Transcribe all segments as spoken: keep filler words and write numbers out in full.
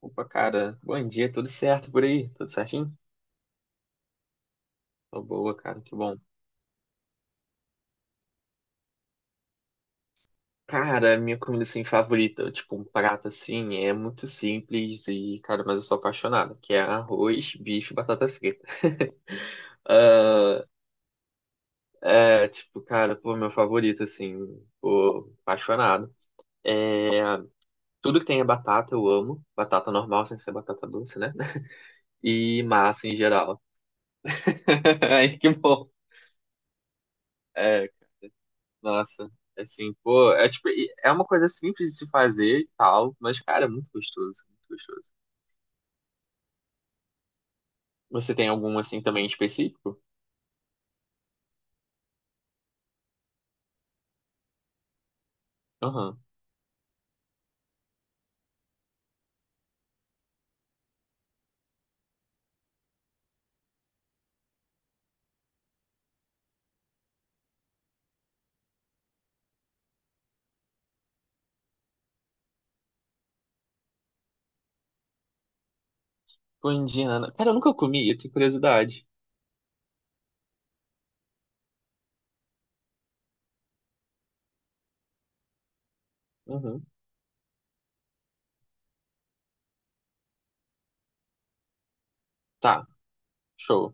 Opa, cara, bom dia, tudo certo por aí? Tudo certinho? Tô boa, cara, que bom. Cara, minha comida assim favorita, tipo um prato assim, é muito simples e, cara, mas eu sou apaixonado, que é arroz, bife e batata frita. Ah, é, tipo, cara, pô, meu favorito assim, pô, apaixonado. É, tudo que tem é batata eu amo, batata normal sem ser batata doce, né? E massa em geral. Ai, que bom. É, nossa, assim, pô, é tipo, é uma coisa simples de se fazer e tal, mas, cara, é muito gostoso, muito gostoso. Você tem algum, assim, também específico? Aham. Pô, indiana. Cara, eu nunca comi, eu tenho curiosidade. Uhum. Tá, show.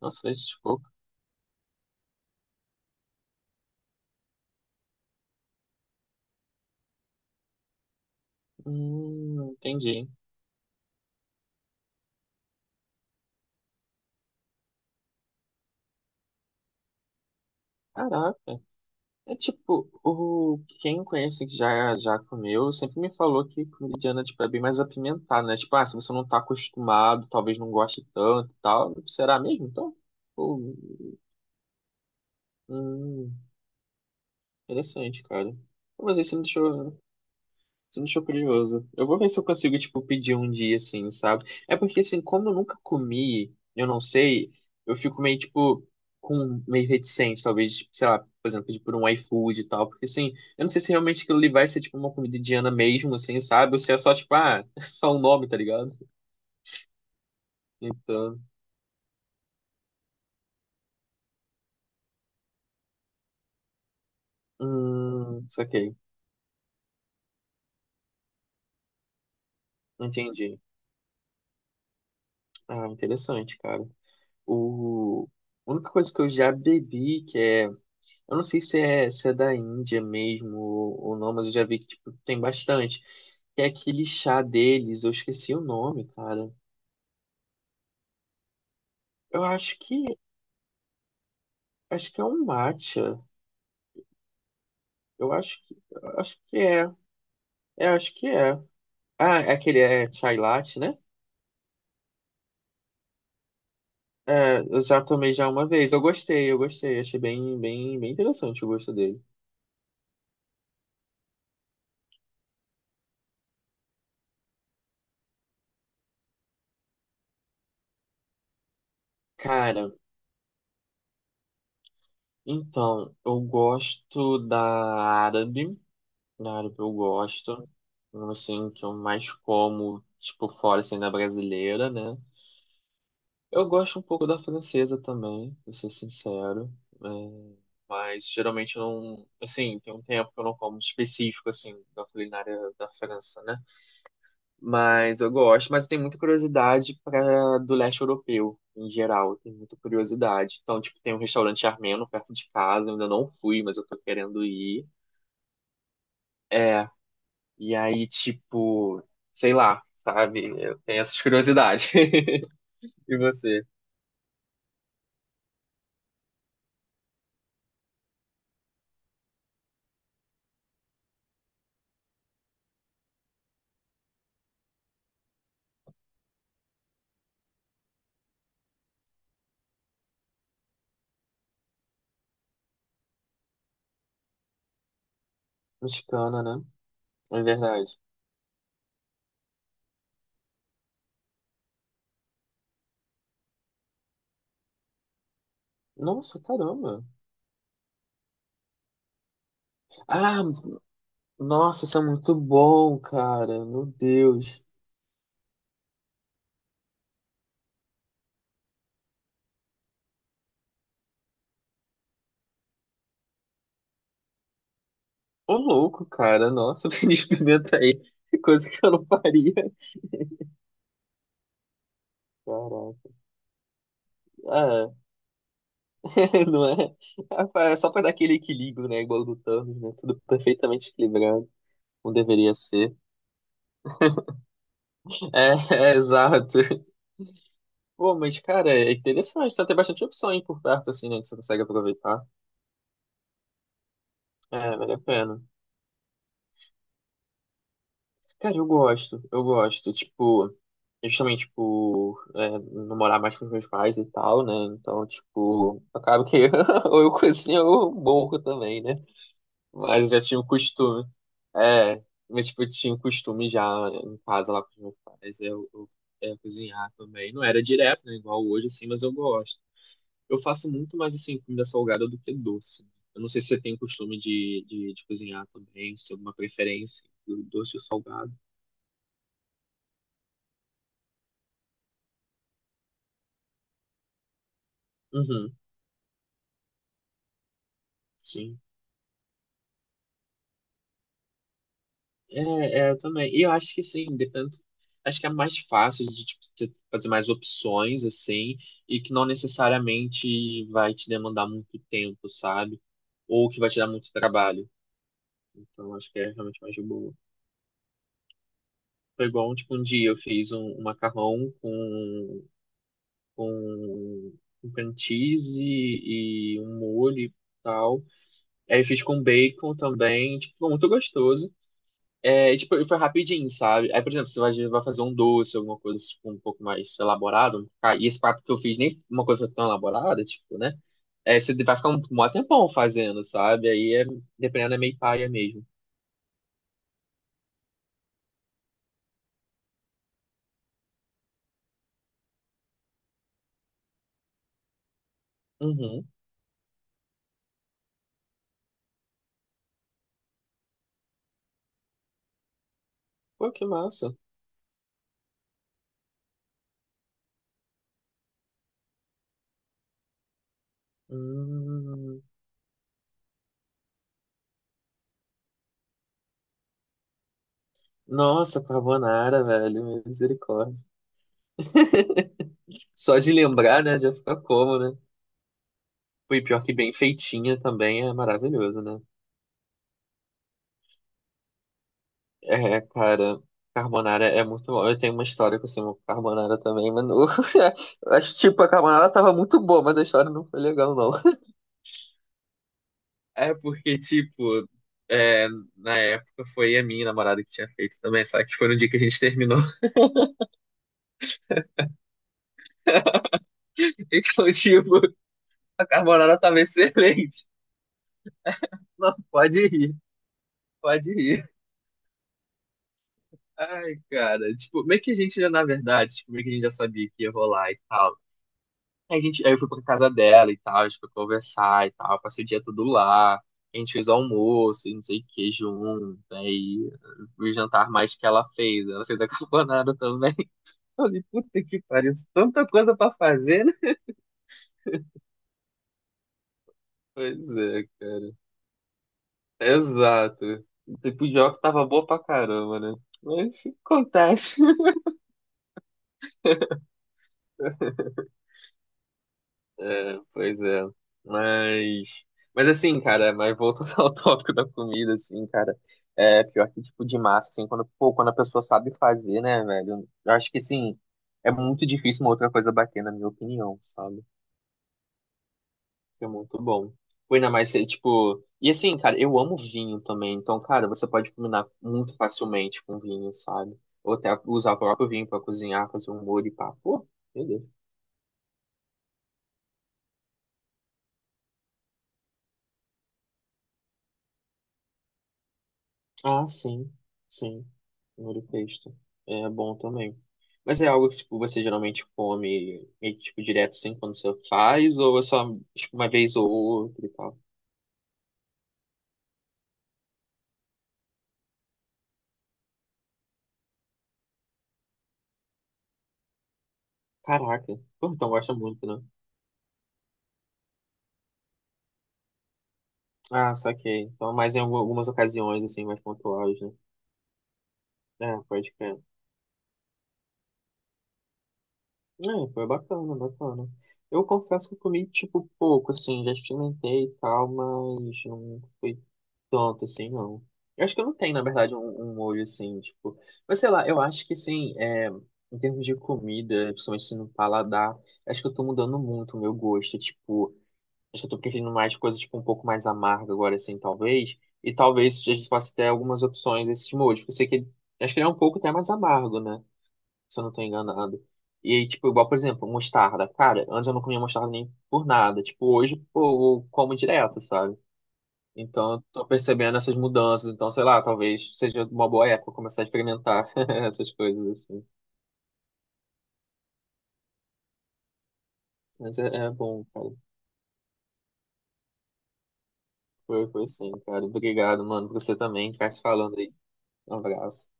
Nossa, leite de coco. Hum, entendi. Caraca. É tipo, o... quem conhece que já, já comeu, sempre me falou que comida indiana, tipo, é bem mais apimentada, né? Tipo, ah, se você não tá acostumado, talvez não goste tanto e tal. Será mesmo, então? Ou Hum, interessante, cara. Pô, mas aí você me deixou, você me deixou curioso. Eu vou ver se eu consigo, tipo, pedir um dia, assim, sabe? É porque, assim, como eu nunca comi, eu não sei, eu fico meio, tipo, com, meio reticente, talvez, tipo, sei lá, por exemplo, pedir por um iFood e tal, porque, assim, eu não sei se realmente aquilo ali vai ser, tipo, uma comida indiana mesmo, assim, sabe? Ou se é só, tipo, ah, só um nome, tá ligado? Então, hum, saquei. Entendi. Ah, interessante, cara. O... A única coisa que eu já bebi, que é, eu não sei se é, se é da Índia mesmo ou, ou não, mas eu já vi que tipo, tem bastante. Que é aquele chá deles, eu esqueci o nome, cara. Eu acho que acho que é um matcha. Eu acho que eu acho que é. É, acho que é. Ah, é aquele é chai latte, né? É, eu já tomei já uma vez. Eu gostei, eu gostei. Achei bem, bem, bem interessante o gosto dele. Cara, então, eu gosto da árabe. Claro, eu gosto. Um, assim, que eu mais como, tipo, fora, assim, da brasileira, né? Eu gosto um pouco da francesa também, pra ser sincero. É, mas, geralmente, eu não... Assim, tem um tempo que eu não como específico, assim, da culinária da França, né? Mas eu gosto. Mas tem muita curiosidade para do leste europeu, em geral. Tem muita curiosidade. Então, tipo, tem um restaurante armeno perto de casa. Eu ainda não fui, mas eu tô querendo ir. é E aí, tipo, sei lá, sabe? Eu tenho essas curiosidades. E você? Mexicana, né? É verdade. Nossa, caramba. Ah, nossa, isso é muito bom, cara. Meu Deus. Ô, louco, cara. Nossa, me experimenta aí. Coisa que eu não faria. Caraca. É, não é? É pra- é só pra dar aquele equilíbrio, né? Igual do Thanos, né? Tudo perfeitamente equilibrado. Como deveria ser. É, é exato. Pô, mas, cara, é interessante. Tá tem bastante opção aí por perto, assim, né? Que você consegue aproveitar. É, vale a pena. Cara, eu gosto. Eu gosto. Tipo, justamente, por é, não morar mais com os meus pais e tal, né? Então, tipo, acaba que ou eu cozinho ou eu morro também, né? Mas eu já tinha o costume. É, mas, tipo, eu tinha o costume já em casa lá com os meus pais. Eu, eu, é, cozinhar também. Não era direto, né? Igual hoje, assim, mas eu gosto. Eu faço muito mais assim comida salgada do que doce. Eu não sei se você tem o costume de, de, de cozinhar também, se tem alguma preferência do doce ou salgado. Uhum, sim. É, é, eu também. E eu acho que sim, depende. Acho que é mais fácil de tipo, você fazer mais opções, assim, e que não necessariamente vai te demandar muito tempo, sabe? Ou que vai te dar muito trabalho. Então, acho que é realmente mais de boa. Foi igual, tipo, um dia eu fiz um, um macarrão com com, um cream cheese e, um molho e tal. Aí eu fiz com bacon também, tipo, ficou muito gostoso. É, tipo, foi rapidinho, sabe? Aí, por exemplo, você vai, vai fazer um doce, alguma coisa tipo, um pouco mais elaborado. Ah, e esse prato que eu fiz nem uma coisa tão elaborada, tipo, né? É, você vai ficar um, um maior tempão fazendo, sabe? Aí, é, dependendo, é meio paia mesmo. Uhum. Pô, que massa. Hum. Nossa, carbonara, velho. Misericórdia. Só de lembrar, né? Já fica como, né? Foi pior que bem feitinha também é maravilhoso, né? É, cara, carbonara é muito bom. Eu tenho uma história com o carbonara também, mas não- eu acho tipo a carbonara tava muito boa, mas a história não foi legal não. É porque tipo, é, na época foi a minha namorada que tinha feito também, só que foi no dia que a gente terminou. Então, tipo, a carbonara tava excelente. Não, pode rir, pode rir. Ai, cara, tipo, meio que a gente já, na verdade, tipo, meio que a gente já sabia que ia rolar e tal. Aí, a gente, aí eu fui pra casa dela e tal, a gente foi conversar e tal, passei o dia todo lá. A gente fez almoço e não sei o que junto. Aí o jantar mais que ela fez. Ela fez a carbonara também. Eu falei, puta que pariu, tanta coisa pra fazer, né? Pois é, cara. Exato. O tempo de óculos tava boa pra caramba, né? Mas acontece. Pois é. Mas, mas assim, cara, mas voltando ao tópico da comida, assim, cara, é pior que tipo de massa, assim, quando, pô, quando a pessoa sabe fazer, né, velho? Eu acho que assim, é muito difícil uma outra coisa bater, na minha opinião, sabe? Que é muito bom. Pô, ainda mais ser, tipo. E assim, cara, eu amo vinho também. Então, cara, você pode combinar muito facilmente com vinho, sabe? Ou até usar o próprio vinho pra cozinhar, fazer um molho e pá. Pô, meu Deus. Ah, sim, sim. Molho pesto. É bom também. Mas é algo que tipo, você geralmente come meio que, tipo, direto assim quando você faz, ou é só tipo, uma vez ou outra e tal? Caraca, pô, então gosta muito, né? Ah, saquei. Então, mais em algu- algumas ocasiões, assim, mais pontuais, né? É, pode crer. É, foi bacana, bacana. Eu confesso que eu comi, tipo, pouco, assim, já experimentei e tal, mas não foi tanto, assim, não. Eu acho que não tem, na verdade, um, um molho, assim, tipo... Mas, sei lá, eu acho que, assim, é, em termos de comida, principalmente assim, no paladar, acho que eu tô mudando muito o meu gosto, tipo... Acho que eu tô preferindo mais coisa, tipo, um pouco mais amarga agora, assim, talvez. E talvez já possa ter algumas opções desses molhos, porque eu sei que... ele- acho que ele é um pouco até mais amargo, né? Se eu não tô enganado. E aí, tipo, igual, por exemplo, mostarda. Cara, antes eu não comia mostarda nem por nada. Tipo, hoje, pô, eu como direto, sabe? Então, eu tô percebendo essas mudanças. Então, sei lá, talvez seja uma boa época começar a experimentar essas coisas, assim. Mas é, é bom, cara. Foi, foi sim, cara. Obrigado, mano, por você também. Ficar se falando aí. Um abraço.